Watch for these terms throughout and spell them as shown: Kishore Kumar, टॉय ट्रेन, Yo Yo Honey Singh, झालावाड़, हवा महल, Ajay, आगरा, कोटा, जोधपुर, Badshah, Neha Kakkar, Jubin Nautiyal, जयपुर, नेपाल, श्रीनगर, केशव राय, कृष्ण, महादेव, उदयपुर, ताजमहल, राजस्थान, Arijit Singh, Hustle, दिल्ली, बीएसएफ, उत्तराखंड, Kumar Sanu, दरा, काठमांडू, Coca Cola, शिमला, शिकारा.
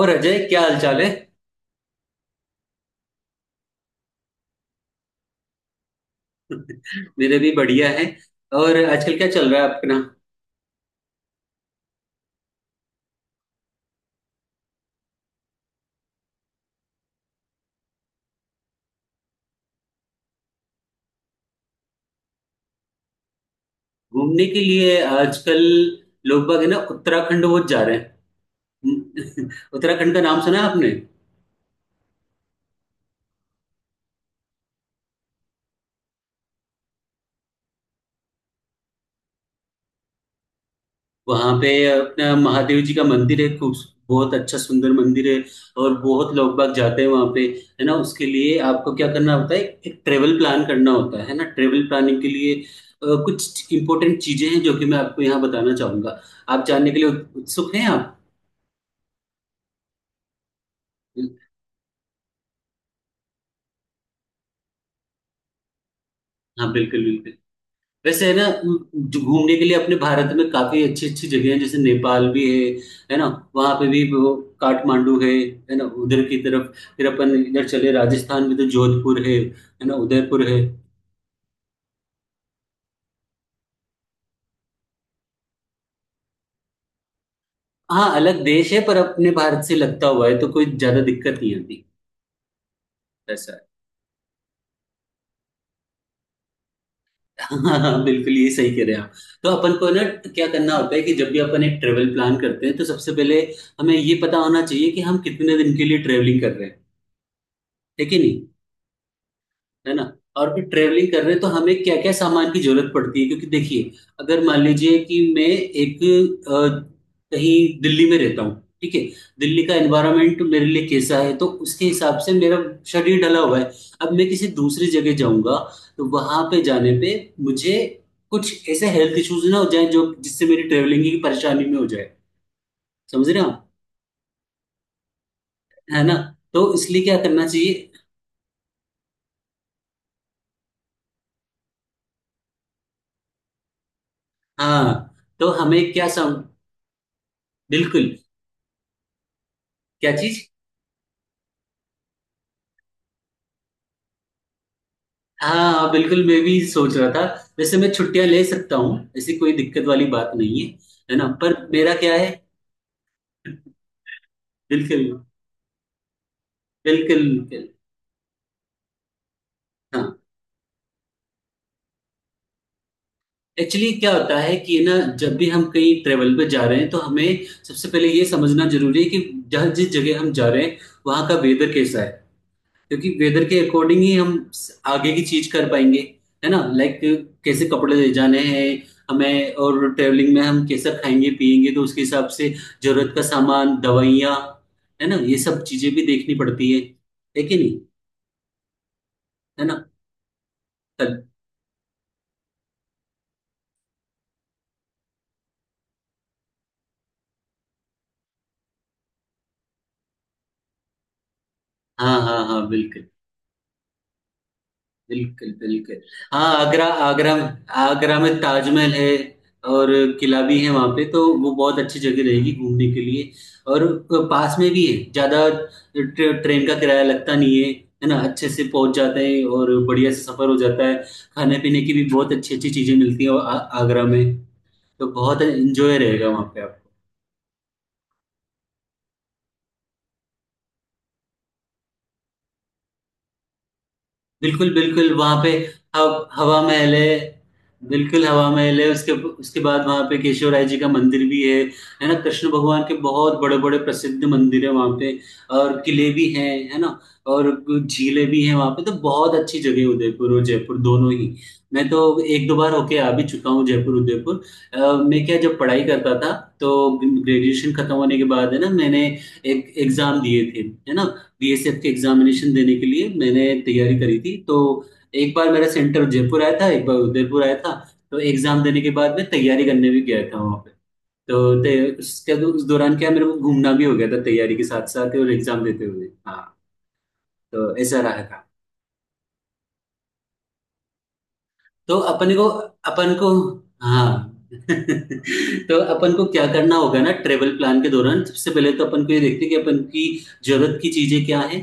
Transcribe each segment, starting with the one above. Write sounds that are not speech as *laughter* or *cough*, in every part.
और अजय, क्या हालचाल है। *laughs* मेरे भी बढ़िया है। और आजकल क्या चल रहा है आपके, ना। घूमने के लिए आजकल लोग बाग, है ना, उत्तराखंड वो जा रहे हैं। *laughs* उत्तराखंड का नाम सुना है आपने? वहां पे अपना महादेव जी का मंदिर है, खूब बहुत अच्छा सुंदर मंदिर है। और बहुत लोग बाग जाते हैं वहां पे, है ना। उसके लिए आपको क्या करना होता है? एक ट्रेवल प्लान करना होता है ना। ट्रेवल प्लानिंग के लिए कुछ इंपॉर्टेंट चीजें हैं जो कि मैं आपको यहाँ बताना चाहूंगा। आप जानने के लिए उत्सुक हैं आप? हाँ, बिल्कुल, बिल्कुल। वैसे, है ना, जो घूमने के लिए अपने भारत में काफी अच्छी अच्छी जगह है, जैसे नेपाल भी है ना। वहां पे भी वो काठमांडू है ना, उधर की तरफ। फिर अपन इधर चले राजस्थान में, तो जोधपुर है ना, उदयपुर है। हाँ, अलग देश है, पर अपने भारत से लगता हुआ है, तो कोई ज्यादा दिक्कत नहीं आती ऐसा है। *laughs* हाँ, बिल्कुल, ये सही कह रहे हैं आप। तो अपन को ना, क्या करना होता है कि जब भी अपन एक ट्रेवल प्लान करते हैं तो सबसे पहले हमें ये पता होना चाहिए कि हम कितने दिन के लिए ट्रेवलिंग कर रहे हैं, है कि नहीं, है ना। और फिर ट्रेवलिंग कर रहे हैं तो हमें क्या क्या सामान की जरूरत पड़ती है, क्योंकि देखिए, अगर मान लीजिए कि मैं एक अ, कहीं दिल्ली में रहता हूँ, ठीक है। दिल्ली का एनवायरनमेंट मेरे लिए कैसा है तो उसके हिसाब से मेरा शरीर ढला हुआ है। अब मैं किसी दूसरी जगह जाऊंगा, तो वहां पे जाने पे मुझे कुछ ऐसे हेल्थ इश्यूज ना हो जाए जो जिससे मेरी ट्रेवलिंग की परेशानी में हो जाए। समझ रहे हो आप? है ना? तो इसलिए क्या करना चाहिए? हाँ। तो हमें क्या सम। बिल्कुल। क्या चीज? हाँ, बिल्कुल मैं भी सोच रहा था। वैसे मैं छुट्टियां ले सकता हूँ, ऐसी कोई दिक्कत वाली बात नहीं है, है ना। पर मेरा क्या है, बिल्कुल, बिल्कुल, बिल्कुल। हाँ। एक्चुअली क्या होता है कि ना, जब भी हम कहीं ट्रेवल पे जा रहे हैं तो हमें सबसे पहले ये समझना जरूरी है कि जहाँ जिस जगह हम जा रहे हैं वहाँ का वेदर कैसा है। क्योंकि वेदर के अकॉर्डिंग ही हम आगे की चीज कर पाएंगे, है ना। लाइक कैसे कपड़े ले जाने हैं हमें, और ट्रेवलिंग में हम कैसा खाएंगे पिएंगे तो उसके हिसाब से जरूरत का सामान, दवाइयाँ, है ना। ये सब चीजें भी देखनी पड़ती है कि नहीं, है ना। कल। हाँ, हाँ, हाँ, बिल्कुल, बिल्कुल, बिल्कुल। हाँ, आगरा, आगरा। आगरा में ताजमहल है, और किला भी है वहाँ पे, तो वो बहुत अच्छी जगह रहेगी घूमने के लिए। और पास में भी है, ज़्यादा ट्रेन का किराया लगता नहीं है, है ना। अच्छे से पहुँच जाते हैं और बढ़िया से सफ़र हो जाता है। खाने पीने की भी बहुत अच्छी अच्छी चीज़ें मिलती हैं, और आगरा में तो बहुत एंजॉय रहेगा वहाँ पे आप। बिल्कुल, बिल्कुल। वहां पे हवा महल है। बिल्कुल हवा महल है। उसके उसके बाद वहां पे केशव राय जी का मंदिर भी है ना। कृष्ण भगवान के बहुत बड़े बड़े प्रसिद्ध मंदिर है वहां पे। और किले भी हैं, है ना। और झीलें भी हैं वहां पे, तो बहुत अच्छी जगह है उदयपुर और जयपुर दोनों ही। मैं तो एक दो बार होके आ भी चुका हूँ जयपुर उदयपुर। मैं क्या, जब पढ़ाई करता था तो ग्रेजुएशन खत्म होने के बाद, है ना, मैंने एक एग्जाम दिए थे, है ना। बीएसएफ के एग्जामिनेशन देने के लिए मैंने तैयारी करी थी, तो एक बार मेरा सेंटर जयपुर आया था, एक बार उदयपुर आया था। तो एग्जाम देने के बाद मैं तैयारी करने भी गया था वहाँ पे। तो ते- उसके उस दौरान क्या, मेरे को घूमना भी हो गया था तैयारी के साथ साथ, और एग्जाम देते हुए, हाँ। तो ऐसा रहा था। तो अपन को, अपन को हाँ। *laughs* तो अपन को क्या करना होगा ना, ट्रेवल प्लान के दौरान सबसे पहले तो अपन को ये देखते हैं कि अपन की जरूरत की चीजें क्या है,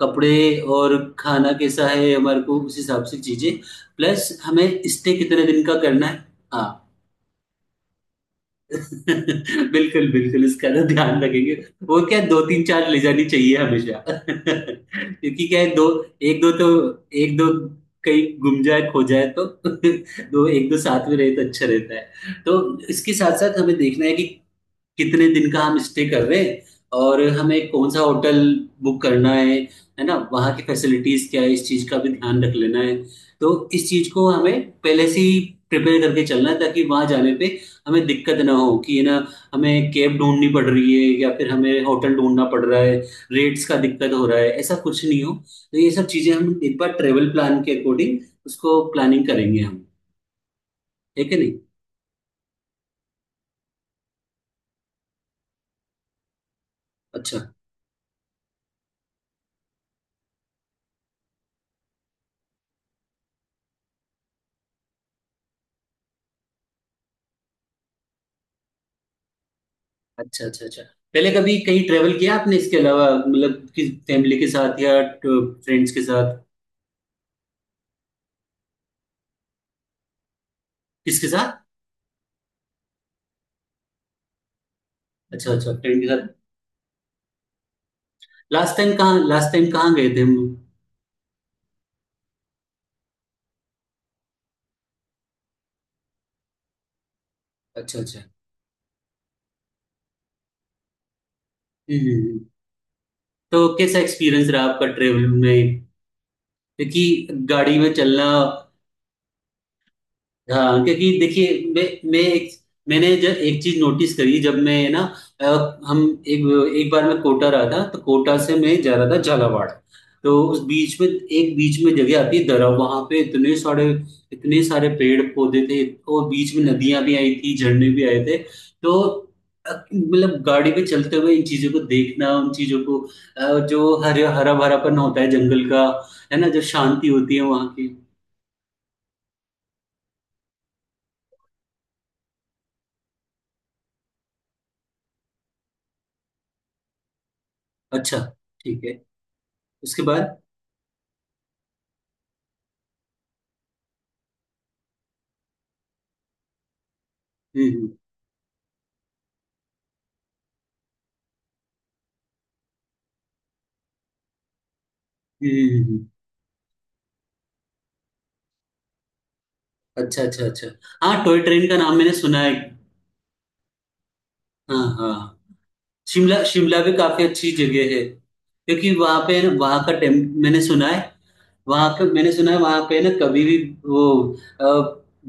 कपड़े, और खाना कैसा है हमारे को, उस हिसाब से चीजें। प्लस हमें स्टे कितने दिन का करना है। हाँ। *laughs* बिल्कुल, बिल्कुल, इसका ना ध्यान रखेंगे। वो क्या, दो तीन चार ले जानी चाहिए हमेशा। *laughs* क्योंकि क्या है, दो, एक दो तो, एक दो कहीं गुम जाए, खो जाए तो, *laughs* दो, एक दो साथ में रहे तो अच्छा रहता है, तो इसके साथ साथ हमें देखना है कि कितने दिन का हम स्टे कर रहे हैं, और हमें कौन सा होटल बुक करना है ना। वहाँ की फैसिलिटीज क्या है, इस चीज का भी ध्यान रख लेना है। तो इस चीज को हमें पहले से ही प्रिपेयर करके चलना है, ताकि वहाँ जाने पे हमें दिक्कत ना हो कि ना हमें कैब ढूंढनी पड़ रही है या फिर हमें होटल ढूंढना पड़ रहा है, रेट्स का दिक्कत हो रहा है, ऐसा कुछ नहीं हो। तो ये सब चीजें हम एक बार ट्रेवल प्लान के अकॉर्डिंग उसको प्लानिंग करेंगे हम, ठीक है? नहीं, अच्छा, अच्छा, अच्छा, अच्छा। पहले कभी कहीं ट्रेवल किया आपने इसके अलावा, मतलब किस, फैमिली के साथ या फ्रेंड्स के साथ? किसके साथ? अच्छा, अच्छा, फ्रेंड के साथ। लास्ट टाइम कहाँ गए थे हम? अच्छा, अच्छा, हम्म, तो कैसा एक्सपीरियंस रहा आपका ट्रेवल में? क्योंकि गाड़ी में चलना। हाँ, क्योंकि देखिए, मैं मैं एक मैंने जब एक चीज नोटिस करी, जब मैं ना, अ, हम एक एक बार मैं कोटा रहा था तो कोटा से मैं जा रहा था झालावाड़। तो उस बीच में, एक बीच में जगह आती है दरा, वहां पे इतने सारे पेड़ पौधे थे। और बीच में नदियां भी आई थी, झरने भी आए थे, तो मतलब गाड़ी पे चलते हुए इन चीजों को देखना, उन चीजों को, जो हरे हरा भरापन होता है जंगल का, है ना, जो शांति होती है वहां की। अच्छा, ठीक है। उसके बाद हम्म, हम्म, हम्म, हम्म। अच्छा, अच्छा, अच्छा। हाँ, टॉय ट्रेन का नाम मैंने सुना है। हाँ, हाँ। शिमला, शिमला भी काफी अच्छी जगह है। क्योंकि वहां का टेम मैंने सुना है, वहां पे ना, कभी भी वो अ,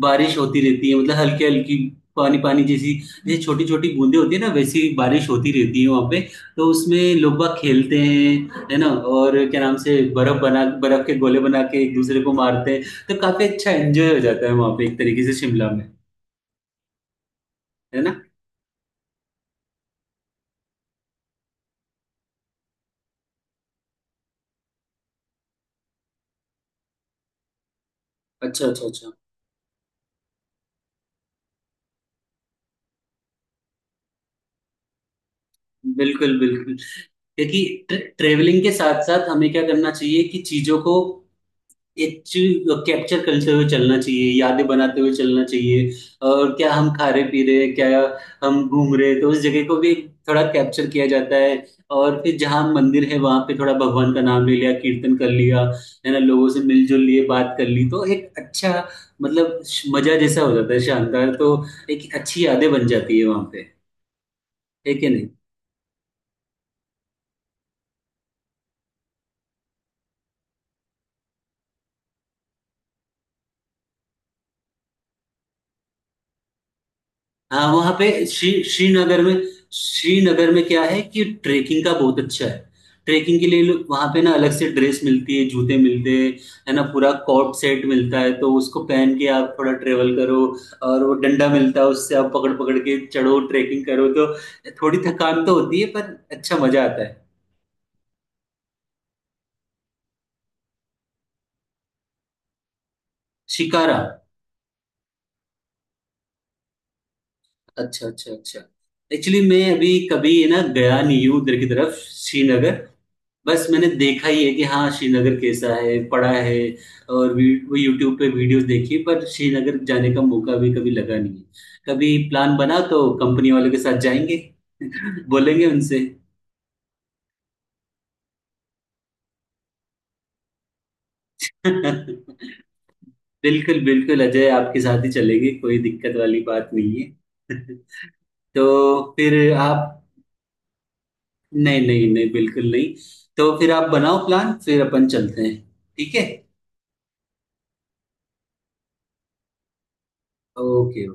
बारिश होती रहती है, मतलब हल्की हल्की, पानी पानी जैसी, जैसे छोटी छोटी बूंदें होती है ना, वैसी बारिश होती रहती है वहां पे। तो उसमें लोग बाग खेलते हैं, है ना। और क्या नाम से, बर्फ के गोले बना के एक दूसरे को मारते हैं। तो काफी अच्छा एंजॉय हो जाता है वहां पे, एक तरीके से शिमला में, है ना। अच्छा, अच्छा, अच्छा। बिल्कुल, बिल्कुल, क्योंकि ट्रेवलिंग के साथ साथ हमें क्या करना चाहिए कि चीजों को, एक चीज कैप्चर करते हुए चलना चाहिए, यादें बनाते हुए चलना चाहिए। और क्या हम खा रहे पी रहे, क्या हम घूम रहे, तो उस जगह को भी थोड़ा कैप्चर किया जाता है। और फिर जहाँ मंदिर है वहां पे थोड़ा भगवान का नाम ले लिया, कीर्तन कर लिया, है ना, लोगों से मिलजुल लिए, बात कर ली, तो एक अच्छा, मतलब मजा जैसा हो जाता है शानदार, तो एक अच्छी यादें बन जाती है वहां पे, है कि नहीं। हाँ, वहाँ पे श्रीनगर में, श्रीनगर में क्या है कि ट्रेकिंग का बहुत अच्छा है। ट्रेकिंग के लिए लोग वहाँ पे ना अलग से ड्रेस मिलती है, जूते मिलते हैं, है ना, पूरा कॉट सेट मिलता है, तो उसको पहन के आप थोड़ा ट्रेवल करो, और वो डंडा मिलता है, उससे आप पकड़ पकड़ के चढ़ो, ट्रेकिंग करो तो थोड़ी थकान तो होती है, पर अच्छा मजा आता है। शिकारा? अच्छा, अच्छा, अच्छा। एक्चुअली मैं अभी कभी ना गया नहीं हूँ उधर की तरफ, श्रीनगर। बस मैंने देखा ही है कि हाँ, श्रीनगर कैसा है, पढ़ा है, और वी वो यूट्यूब पे वीडियोज़ देखी है, पर श्रीनगर जाने का मौका भी कभी लगा नहीं है। कभी प्लान बना तो कंपनी वालों के साथ जाएँगे, *laughs* बोलेंगे उनसे। *laughs* बिल्कुल, बिल्कुल अजय, आपके साथ ही चलेंगे, कोई दिक्कत वाली बात नहीं है। *laughs* तो फिर आप, नहीं, नहीं, नहीं, बिल्कुल नहीं। तो फिर आप बनाओ प्लान, फिर अपन चलते हैं, ठीक है? ओके।